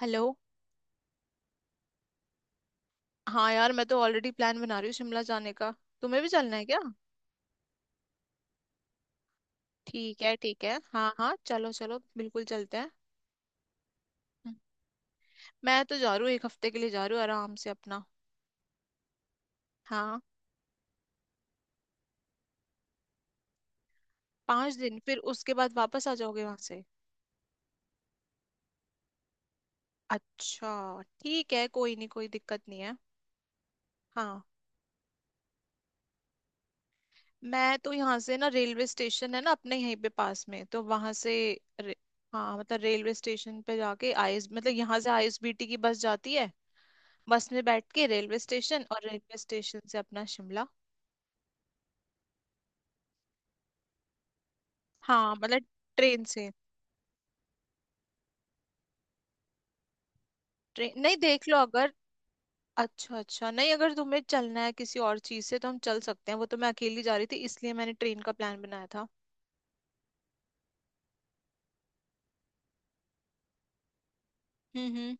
Hello. हाँ यार, मैं तो ऑलरेडी प्लान बना रही हूँ शिमला जाने का। तुम्हें भी चलना है क्या? ठीक है ठीक है, हाँ हाँ, चलो चलो, बिल्कुल चलते हैं। हम्म। मैं तो जा रही हूँ, एक हफ्ते के लिए जा रही हूँ आराम से अपना। हाँ। पाँच दिन, फिर उसके बाद वापस आ जाओगे वहां से? अच्छा ठीक है, कोई नहीं, कोई दिक्कत नहीं है। हाँ। मैं तो यहाँ से ना, रेलवे स्टेशन है ना अपने यहीं पे पास में, तो वहां से। रे- हाँ मतलब रेलवे स्टेशन पे जाके, आईएस मतलब यहाँ से आईएसबीटी की बस जाती है। बस में बैठ के रेलवे स्टेशन, और रेलवे स्टेशन से अपना शिमला। हाँ मतलब ट्रेन से। ट्रेन, नहीं देख लो अगर। अच्छा अच्छा, नहीं अगर तुम्हें चलना है किसी और चीज से तो हम चल सकते हैं, वो तो मैं अकेली जा रही थी इसलिए मैंने ट्रेन का प्लान बनाया था। हम्म।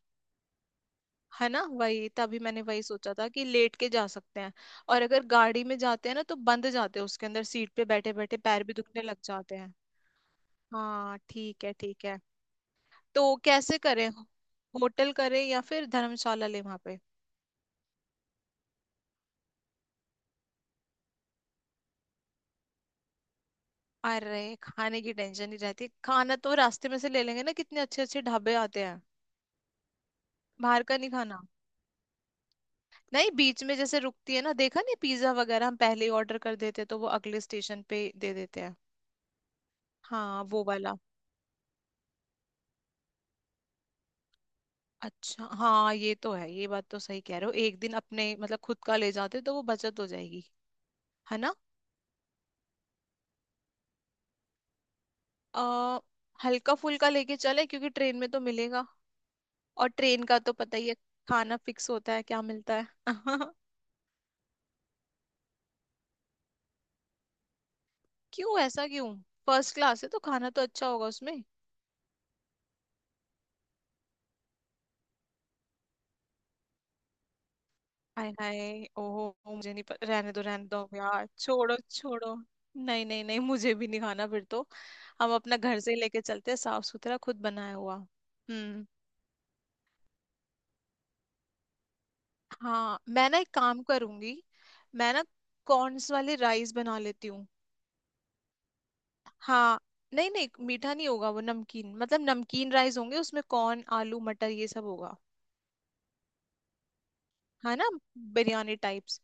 है ना, वही तभी मैंने वही सोचा था कि लेट के जा सकते हैं। और अगर गाड़ी में जाते हैं ना, तो बंद जाते हैं उसके अंदर, सीट पे बैठे बैठे पैर भी दुखने लग जाते हैं। हाँ ठीक है ठीक है। तो कैसे करें, होटल करें या फिर धर्मशाला ले वहां पे? अरे खाने की टेंशन ही रहती है, खाना तो रास्ते में से ले लेंगे ना, कितने अच्छे अच्छे ढाबे आते हैं। बाहर का नहीं खाना? नहीं बीच में जैसे रुकती है ना, देखा नहीं, पिज्जा वगैरह हम पहले ही ऑर्डर कर देते हैं तो वो अगले स्टेशन पे दे देते हैं। हाँ वो वाला। अच्छा हाँ, ये तो है, ये बात तो सही कह रहे हो। एक दिन अपने मतलब खुद का ले जाते तो वो बचत हो जाएगी, है ना। आ, हल्का फुल्का लेके चले क्योंकि ट्रेन में तो मिलेगा। और ट्रेन का तो पता ही है, खाना फिक्स होता है, क्या मिलता है। क्यों, ऐसा क्यों? फर्स्ट क्लास है तो खाना तो अच्छा होगा उसमें। हाय हाय, ओहो, मुझे नहीं पता, रहने दो यार, छोड़ो छोड़ो। नहीं नहीं नहीं, मुझे भी नहीं खाना फिर तो। हम अपना घर से ही लेके चलते हैं, साफ सुथरा खुद बनाया हुआ। हम्म। हाँ मैं ना एक काम करूंगी। मैं ना कॉर्न्स वाले राइस बना लेती हूँ। हाँ। नहीं नहीं मीठा नहीं होगा वो, नमकीन मतलब नमकीन राइस होंगे, उसमें कॉर्न, आलू, मटर, ये सब होगा। है ना। बिरयानी टाइप्स।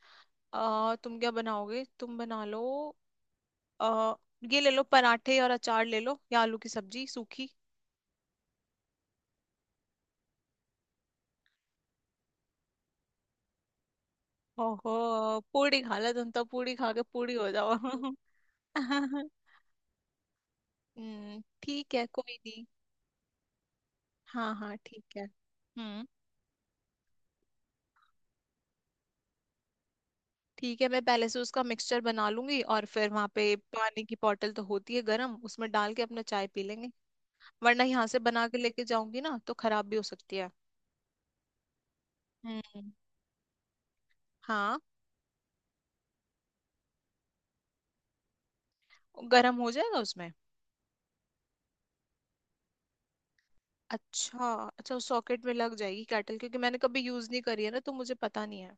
तुम क्या बनाओगे, तुम बना लो। अ, ये ले लो पराठे और अचार ले लो, या आलू की सब्जी सूखी। ओहो। पूरी खा लो, तुम तो पूरी खा के पूरी हो जाओ। हम्म, ठीक है कोई नहीं। हाँ हाँ ठीक है। हम्म, ठीक है, मैं पहले से उसका मिक्सचर बना लूंगी और फिर वहां पे पानी की बॉटल तो होती है गर्म, उसमें डाल के अपना चाय पी लेंगे। वरना यहाँ से बना के लेके जाऊंगी ना तो खराब भी हो सकती है। हम्म। हाँ। गर्म हो जाएगा उसमें? अच्छा। अच्छा, उस सॉकेट में लग जाएगी कैटल? क्योंकि मैंने कभी यूज नहीं करी है ना, तो मुझे पता नहीं है।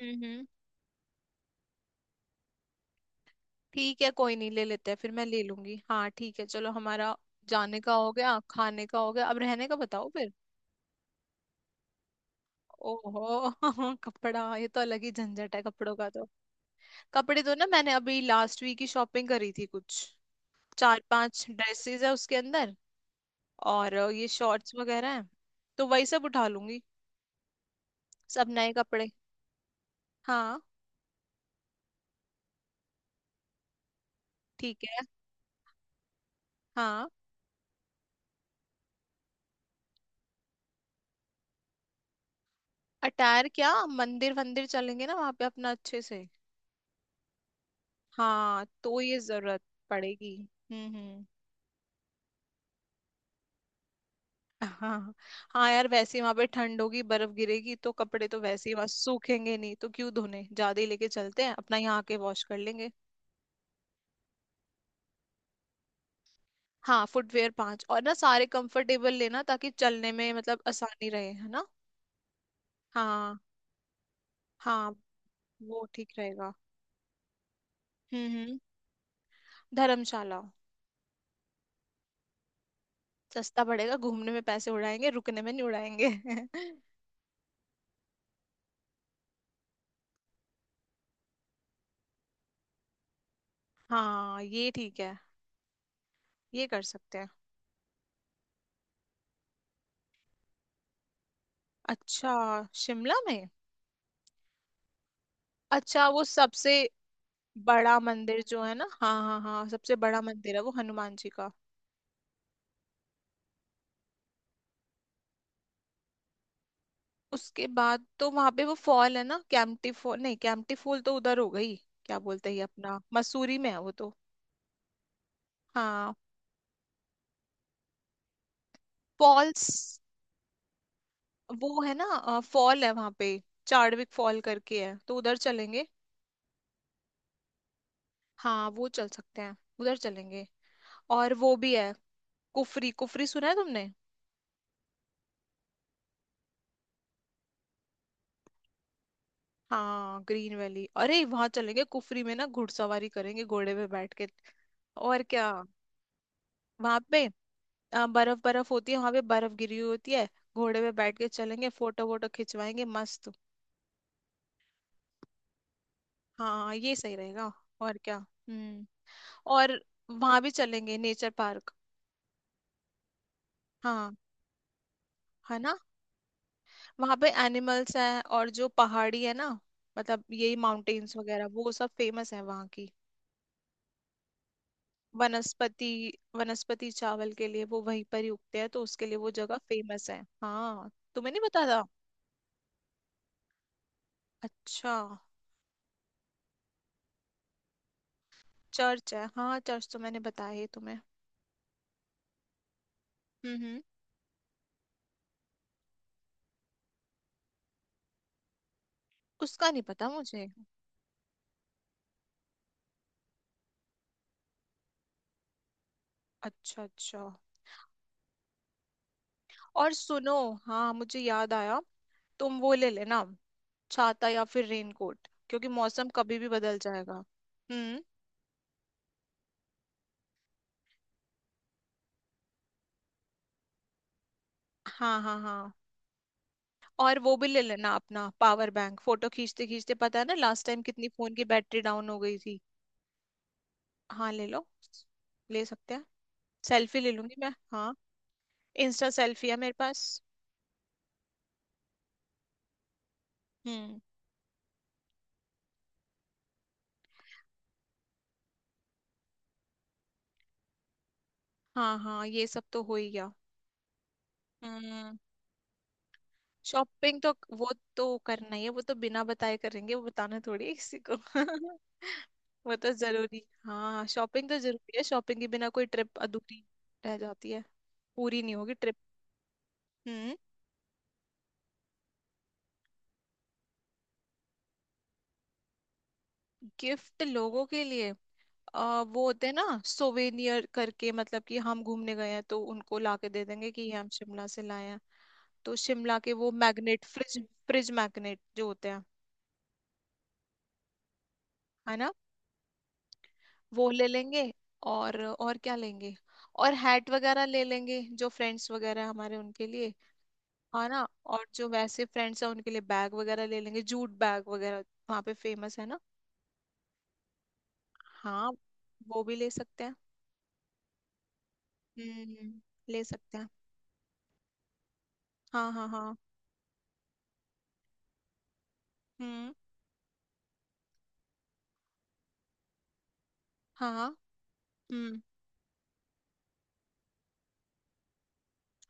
हम्म। ठीक है कोई नहीं, ले लेते हैं फिर, मैं ले लूंगी, हाँ ठीक है। चलो हमारा जाने का हो गया, खाने का हो गया, अब रहने का बताओ फिर। ओहो। कपड़ा, ये तो अलग ही झंझट है कपड़ों का तो। कपड़े तो ना मैंने अभी लास्ट वीक ही शॉपिंग करी थी कुछ। चार पांच ड्रेसेस है उसके अंदर, और ये शॉर्ट्स वगैरह है, तो वही सब उठा लूंगी, सब नए कपड़े। हाँ। ठीक है। हाँ। अटायर क्या, मंदिर वंदिर चलेंगे ना वहां पे अपना अच्छे से। हाँ तो ये जरूरत पड़ेगी। हम्म। हाँ। हाँ यार वैसे ही वहां पे ठंड होगी, बर्फ गिरेगी, तो कपड़े तो वैसे ही वहां सूखेंगे नहीं, तो क्यों धोने, ज्यादा ही लेके चलते हैं अपना, यहाँ आके वॉश कर लेंगे। हाँ फुटवेयर पांच, और ना सारे कंफर्टेबल लेना ताकि चलने में मतलब आसानी रहे, है ना। हाँ। हाँ। वो ठीक रहेगा। हम्म। धर्मशाला। सस्ता पड़ेगा, घूमने में पैसे उड़ाएंगे, रुकने में नहीं उड़ाएंगे। हाँ ये ठीक है। ये कर सकते हैं। अच्छा। शिमला में? अच्छा वो सबसे बड़ा मंदिर जो है ना, हाँ हाँ हाँ, सबसे बड़ा मंदिर है वो हनुमान जी का। उसके बाद तो वहां पे वो फॉल है ना, कैंपटी फॉल, नहीं कैंपटी फॉल तो उधर हो गई। क्या बोलते हैं ये, अपना मसूरी में है वो तो। हाँ फॉल्स। वो है ना फॉल है वहां पे, चार्डविक फॉल करके है, तो उधर चलेंगे। हाँ वो चल सकते हैं, उधर चलेंगे। और वो भी है कुफरी, कुफरी सुना है तुमने? हाँ ग्रीन वैली, अरे वहां चलेंगे, कुफरी में ना घुड़सवारी करेंगे, घोड़े पे बैठ के। और क्या? वहां पे बर्फ बर्फ होती है वहां पे, बर्फ गिरी हुई होती है, घोड़े पे बैठ के चलेंगे, फोटो वोटो खिंचवाएंगे मस्त। हाँ ये सही रहेगा। और क्या। हम्म। और वहां भी चलेंगे, नेचर पार्क। हाँ। है ना। वहां पे एनिमल्स हैं, और जो पहाड़ी है ना, मतलब यही माउंटेन्स वगैरह, वो सब फेमस है वहां की वनस्पति। वनस्पति चावल के लिए वो वहीं पर ही उगते हैं, तो उसके लिए वो जगह फेमस है। हाँ तुम्हें नहीं पता था? अच्छा। चर्च है, हाँ चर्च तो मैंने बताया ही तुम्हें। हम्म। उसका नहीं पता मुझे। अच्छा अच्छा। और सुनो, हाँ मुझे याद आया, तुम वो ले लेना, छाता या फिर रेनकोट, क्योंकि मौसम कभी भी बदल जाएगा। हम्म। हाँ हाँ हाँ। और वो भी ले लेना अपना पावर बैंक, फोटो खींचते खींचते, पता है ना लास्ट टाइम कितनी फोन की बैटरी डाउन हो गई थी। हाँ ले लो। ले सकते हैं। सेल्फी ले लूंगी मैं, हाँ। इंस्टा सेल्फी है मेरे पास। हम्म। हाँ हाँ ये सब तो हो ही गया। हम्म। शॉपिंग तो, वो तो करना ही है, वो तो बिना बताए करेंगे, वो बताना थोड़ी है किसी को। वो तो जरूरी, हाँ शॉपिंग तो जरूरी है, शॉपिंग के बिना कोई ट्रिप अधूरी रह जाती है, पूरी नहीं होगी ट्रिप। हम्म। गिफ्ट लोगों के लिए? वो होते हैं ना सोवेनियर करके, मतलब कि हम घूमने गए हैं तो उनको ला के दे देंगे कि ये हम शिमला से लाए हैं। तो शिमला के वो मैग्नेट, फ्रिज फ्रिज मैग्नेट जो होते हैं, है ना। वो ले लेंगे। और क्या लेंगे, और हैट वगैरह ले लेंगे, जो फ्रेंड्स वगैरह हैं हमारे उनके लिए, है ना। और जो वैसे फ्रेंड्स हैं उनके लिए बैग वगैरह ले लेंगे, जूट बैग वगैरह, वहाँ पे फेमस है ना। हाँ वो भी ले सकते हैं। हम्म, ले सकते हैं। हाँ हाँ हाँ। हम्म। हाँ हाँ। हम्म।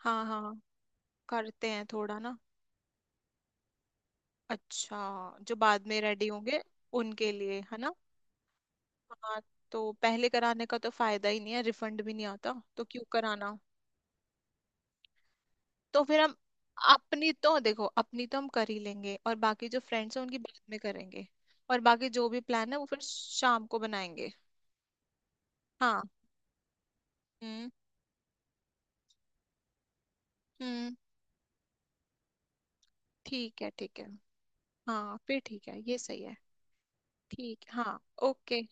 हाँ हाँ। करते हैं थोड़ा ना। अच्छा जो बाद में रेडी होंगे उनके लिए, है ना। हाँ। तो पहले कराने का तो फायदा ही नहीं है, रिफंड भी नहीं आता, तो क्यों कराना। तो फिर हम, अपनी तो देखो, अपनी तो हम कर ही लेंगे, और बाकी जो फ्रेंड्स हैं उनकी बाद में करेंगे। और बाकी जो भी प्लान है वो फिर शाम को बनाएंगे। हाँ। हम्म हम्म। ठीक है ठीक है। हाँ फिर ठीक है, ये सही है। ठीक, हाँ ओके।